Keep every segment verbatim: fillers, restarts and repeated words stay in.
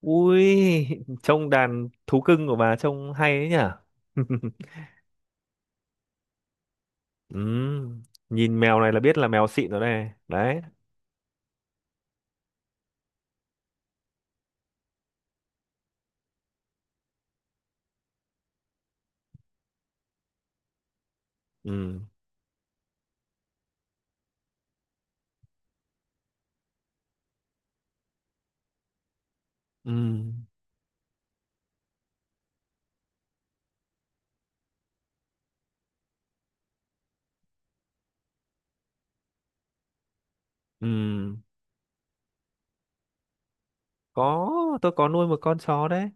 Ui, trông đàn thú cưng của bà trông hay ấy nhỉ? Ừm, nhìn mèo này là biết là mèo xịn rồi này. Đấy. Ừm, ừm, ừm. Có, tôi có nuôi một con chó đấy.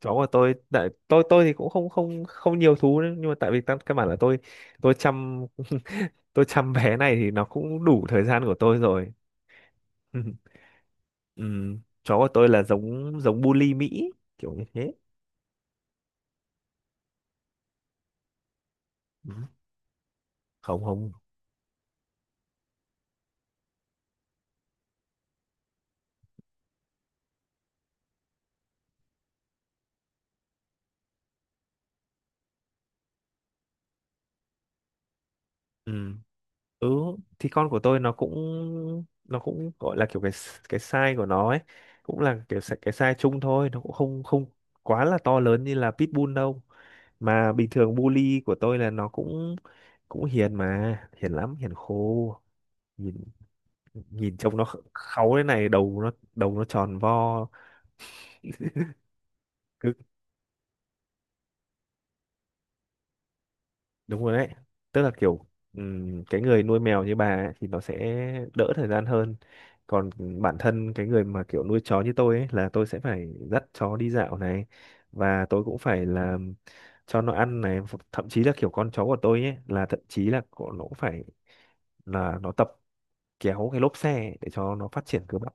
Chó của tôi, tại tôi tôi thì cũng không không không nhiều thú đấy, nhưng mà tại vì căn căn bản là tôi tôi chăm tôi chăm bé này thì nó cũng đủ thời gian của tôi rồi. Ừm, chó của tôi là giống giống bully Mỹ kiểu như thế. Ừm, Không không. Ừ, ừ thì con của tôi nó cũng nó cũng gọi là kiểu cái s- cái size của nó ấy cũng là kiểu sa- cái size chung thôi, nó cũng không không quá là to lớn như là pitbull đâu, mà bình thường bully của tôi là nó cũng cũng hiền, mà hiền lắm, hiền khô. Nhìn nhìn trông nó kh- kháu thế này, đầu nó đầu nó tròn vo. Đúng rồi đấy, tức là kiểu ừm, cái người nuôi mèo như bà ấy, thì nó sẽ đỡ thời gian hơn, còn bản thân cái người mà kiểu nuôi chó như tôi ấy là tôi sẽ phải dắt chó đi dạo này, và tôi cũng phải là cho nó ăn này, thậm chí là kiểu con chó của tôi ấy là thậm chí là của nó cũng phải là nó tập kéo cái lốp xe ấy để cho nó phát triển cơ bắp.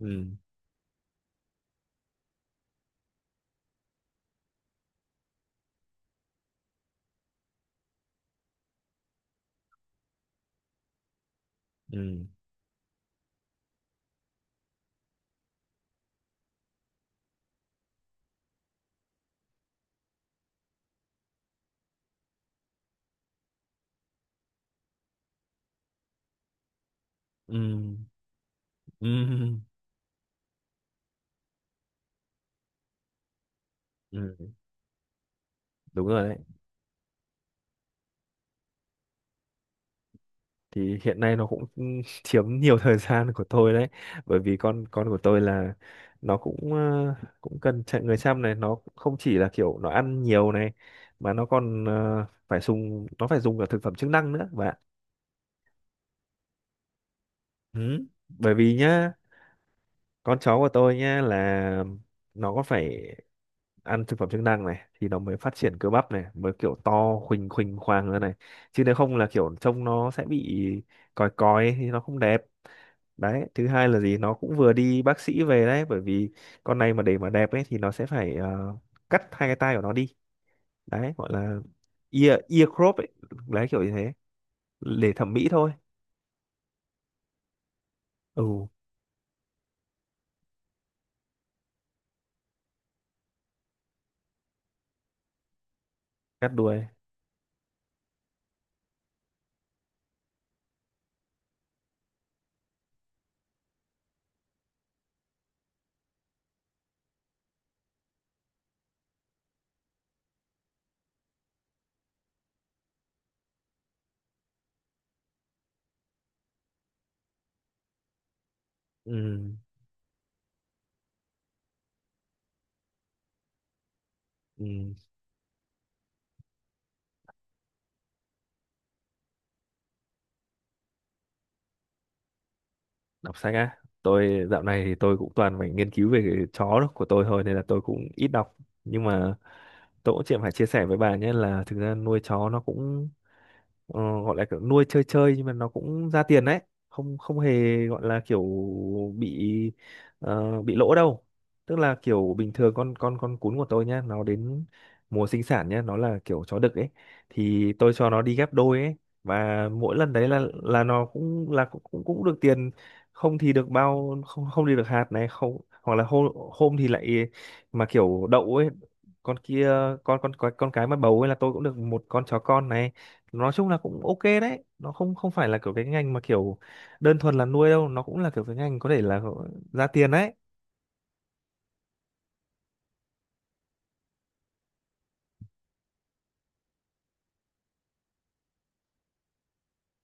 ừ ừ ừ ừ ừ Đúng rồi đấy. Thì hiện nay nó cũng chiếm nhiều thời gian của tôi đấy, bởi vì con con của tôi là nó cũng ờ, cũng cần chạy người chăm này, nó không chỉ là kiểu nó ăn nhiều này, mà nó còn ờ, phải dùng nó phải dùng cả thực phẩm chức năng nữa bạn. Ừ, bởi vì nhá, con chó của tôi nhá là nó có phải ăn thực phẩm chức năng này thì nó mới phát triển cơ bắp này, mới kiểu to khuỳnh khuỳnh khoang ra này, chứ nếu không là kiểu trông nó sẽ bị còi còi ấy, thì nó không đẹp. Đấy, thứ hai là gì, nó cũng vừa đi bác sĩ về đấy, bởi vì con này mà để mà đẹp ấy thì nó sẽ phải ờ, cắt hai cái tai của nó đi, đấy gọi là ear ear crop ấy, đấy kiểu như thế, để thẩm mỹ thôi. Ừ, cắt đuôi. Ừ, ừ. Đọc sách á, tôi dạo này thì tôi cũng toàn phải nghiên cứu về cái chó đó của tôi thôi nên là tôi cũng ít đọc, nhưng mà tôi cũng chỉ phải chia sẻ với bà nhé là thực ra nuôi chó nó cũng ờ, gọi là kiểu nuôi chơi chơi nhưng mà nó cũng ra tiền đấy, không không hề gọi là kiểu bị ờ, bị lỗ đâu. Tức là kiểu bình thường con con con cún của tôi nhá, nó đến mùa sinh sản nhá, nó là kiểu chó đực ấy, thì tôi cho nó đi ghép đôi ấy, và mỗi lần đấy là là nó cũng là cũng cũng cũng được tiền, không thì được bao, không không thì được hạt này, không hoặc là hôm hôm thì lại mà kiểu đậu ấy, con kia, con con con con cái mà bầu ấy là tôi cũng được một con chó con này. Nói chung là cũng ok đấy, nó không không phải là kiểu cái ngành mà kiểu đơn thuần là nuôi đâu, nó cũng là kiểu cái ngành có thể là ra tiền đấy.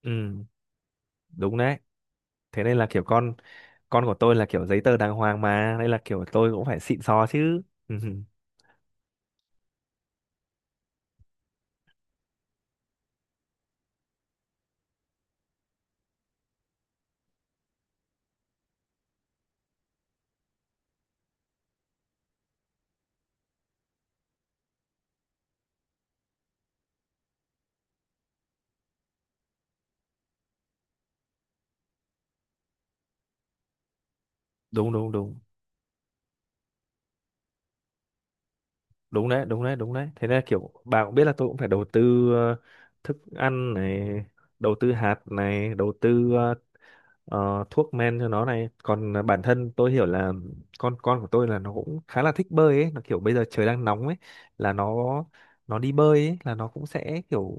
Ừ, đúng đấy, thế nên là kiểu con con của tôi là kiểu giấy tờ đàng hoàng mà, nên là kiểu tôi cũng phải xịn sò chứ. Ừ. Đúng đúng đúng, đúng đấy đúng đấy đúng đấy, thế nên là kiểu bà cũng biết là tôi cũng phải đầu tư ờ, thức ăn này, đầu tư hạt này, đầu tư ờ, ờ, thuốc men cho nó này, còn à, bản thân tôi hiểu là con con của tôi là nó cũng khá là thích bơi ấy, nó kiểu bây giờ trời đang nóng ấy là nó nó đi bơi ấy là nó cũng sẽ kiểu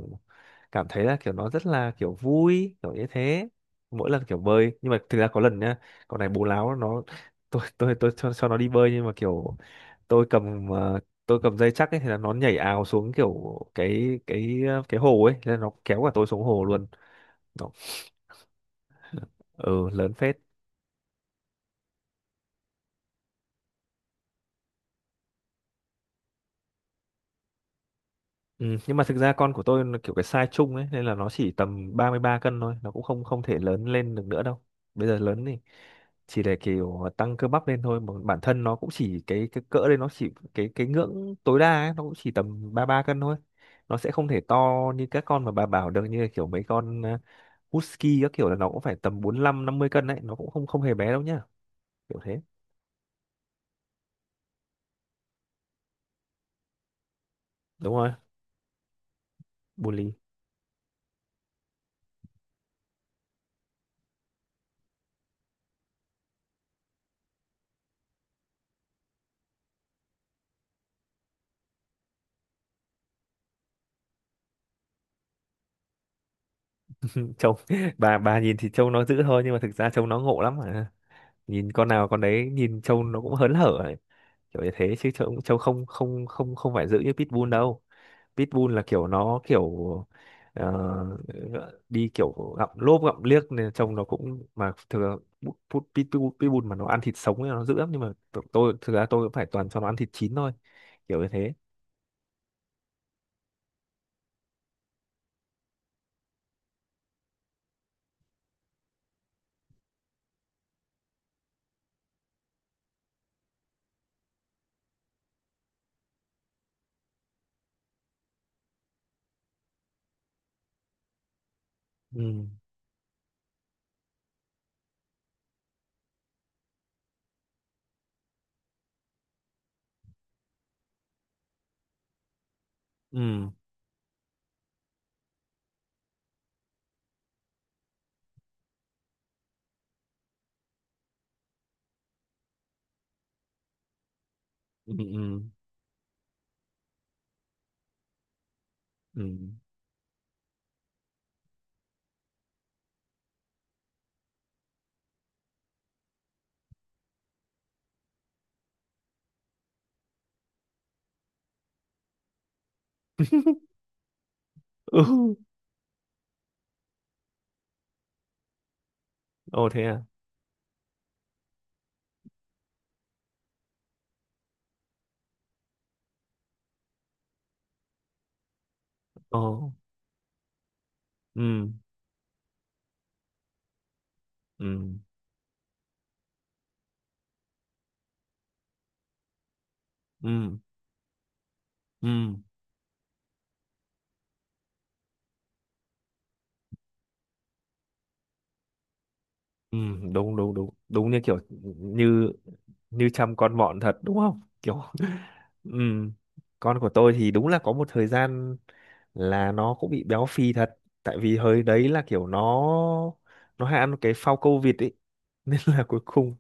cảm thấy là kiểu nó rất là kiểu vui kiểu như thế mỗi lần kiểu bơi. Nhưng mà thực ra có lần nhá, con này bố láo, nó tôi tôi tôi cho, cho nó đi bơi nhưng mà kiểu tôi cầm ờ, tôi cầm dây chắc ấy, thì là nó nhảy ào xuống kiểu cái cái cái hồ ấy nên nó kéo cả tôi xuống hồ luôn. Nó- Ừ, lớn phết. Ừ, nhưng mà thực ra con của tôi nó kiểu cái size chung ấy nên là nó chỉ tầm ba mươi ba cân thôi, nó cũng không không thể lớn lên được nữa đâu. Bây giờ lớn thì chỉ để kiểu tăng cơ bắp lên thôi, mà bản thân nó cũng chỉ cái cái cỡ đây, nó chỉ cái cái ngưỡng tối đa ấy, nó cũng chỉ tầm ba mươi ba cân thôi. Nó sẽ không thể to như các con mà bà bảo được, như là kiểu mấy con ờ, husky các kiểu là nó cũng phải tầm bốn lăm năm mươi cân đấy, nó cũng không không hề bé đâu nhá. Kiểu thế. Đúng rồi, bully. Trông bà bà nhìn thì trông nó dữ thôi nhưng mà thực ra trông nó ngộ lắm mà. Nhìn con nào con đấy, nhìn trâu nó cũng hớn hở ấy, kiểu như thế, chứ trâu trông không không không không phải giữ như pitbull đâu. Pitbull là kiểu nó kiểu ờ, đi kiểu gặm lốp gặm liếc nên trông nó cũng, mà thường bu- bu- pitbull, pitbull mà nó ăn thịt sống thì nó dữ lắm, nhưng mà t- tôi thực ra tôi cũng phải toàn cho nó ăn thịt chín thôi, kiểu như thế. ừ ừ ừ ừ ừ ừ. Ồ thế à. Ồ. ừ ừ ừ ừ ừ, đúng đúng đúng, đúng như kiểu, như như chăm con mọn thật đúng không kiểu. Ừ. Con của tôi thì đúng là có một thời gian là nó cũng bị béo phì thật, tại vì hồi đấy là kiểu nó nó hay ăn cái phao câu vịt ấy. Nên là cuối cùng,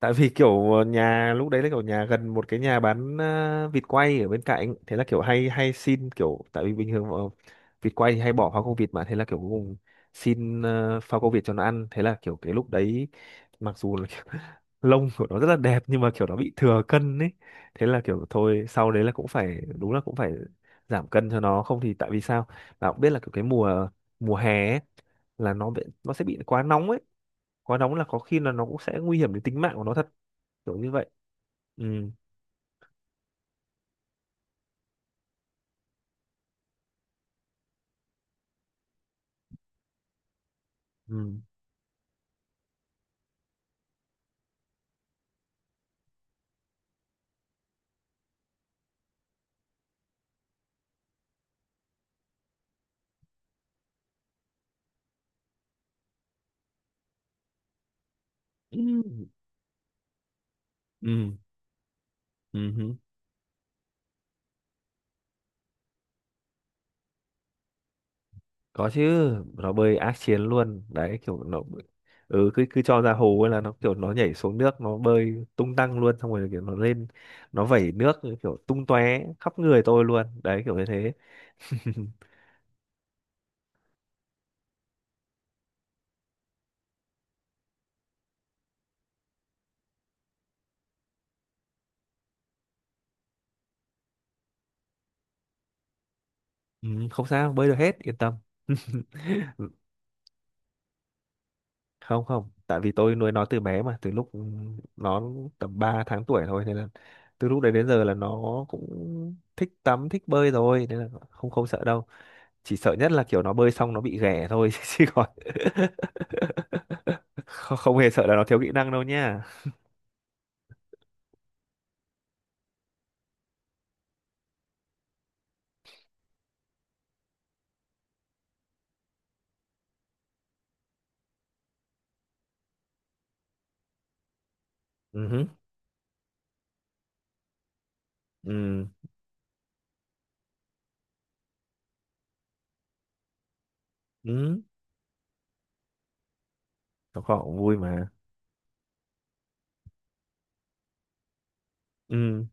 tại vì kiểu ờ, nhà lúc đấy là kiểu nhà gần một cái nhà bán ờ, vịt quay ở bên cạnh, thế là kiểu hay hay xin kiểu, tại vì bình thường ờ, vịt quay thì hay bỏ phao câu vịt mà, thế là kiểu cuối cùng xin ờ, phao câu vịt cho nó ăn, thế là kiểu cái lúc đấy, mặc dù là kiểu, lông của nó rất là đẹp nhưng mà kiểu nó bị thừa cân ấy, thế là kiểu thôi sau đấy là cũng phải, đúng là cũng phải giảm cân cho nó, không thì tại vì sao, bạn cũng biết là kiểu cái mùa mùa hè ấy, là nó bị, nó sẽ bị quá nóng ấy, quá nóng là có khi là nó cũng sẽ nguy hiểm đến tính mạng của nó thật, kiểu như vậy. ừ ừ ừ ừ ừ hứ. Có chứ, nó bơi ác chiến luôn đấy, kiểu nó, ừ cứ cứ cho ra hồ ấy là nó kiểu nó nhảy xuống nước, nó bơi tung tăng luôn, xong rồi kiểu nó lên nó vẩy nước kiểu tung tóe khắp người tôi luôn đấy, kiểu như thế. Ừ, không, sao bơi được hết, yên tâm. Không không, tại vì tôi nuôi nó từ bé mà, từ lúc nó tầm ba tháng tuổi thôi, nên là từ lúc đấy đến giờ là nó cũng thích tắm thích bơi rồi, nên là không không sợ đâu. Chỉ sợ nhất là kiểu nó bơi xong nó bị ghẻ thôi, chứ còn không, không hề sợ là nó thiếu kỹ năng đâu nha. Ừ hứ, ừ ừ, nó cũng vui mà. Ừ,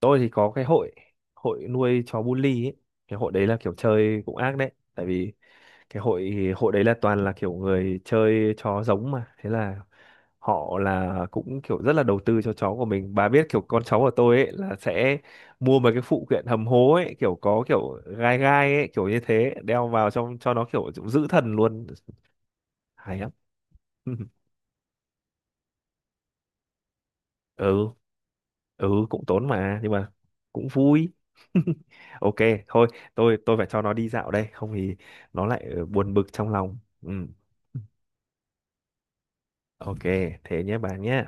tôi thì có cái hội hội nuôi chó bully ấy, cái hội đấy là kiểu chơi cũng ác đấy, tại vì cái hội hội đấy là toàn là kiểu người chơi chó giống mà, thế là họ là cũng kiểu rất là đầu tư cho cháu của mình, bà biết kiểu con cháu của tôi ấy là sẽ mua mấy cái phụ kiện hầm hố ấy, kiểu có kiểu gai gai ấy kiểu như thế, đeo vào trong cho nó kiểu giữ thần luôn, hay lắm. Ừ, ừ cũng tốn mà nhưng mà cũng vui. Ok, thôi tôi tôi phải cho nó đi dạo đây, không thì nó lại ờ, buồn bực trong lòng. Ừ, ok, thế nhé bà nhé.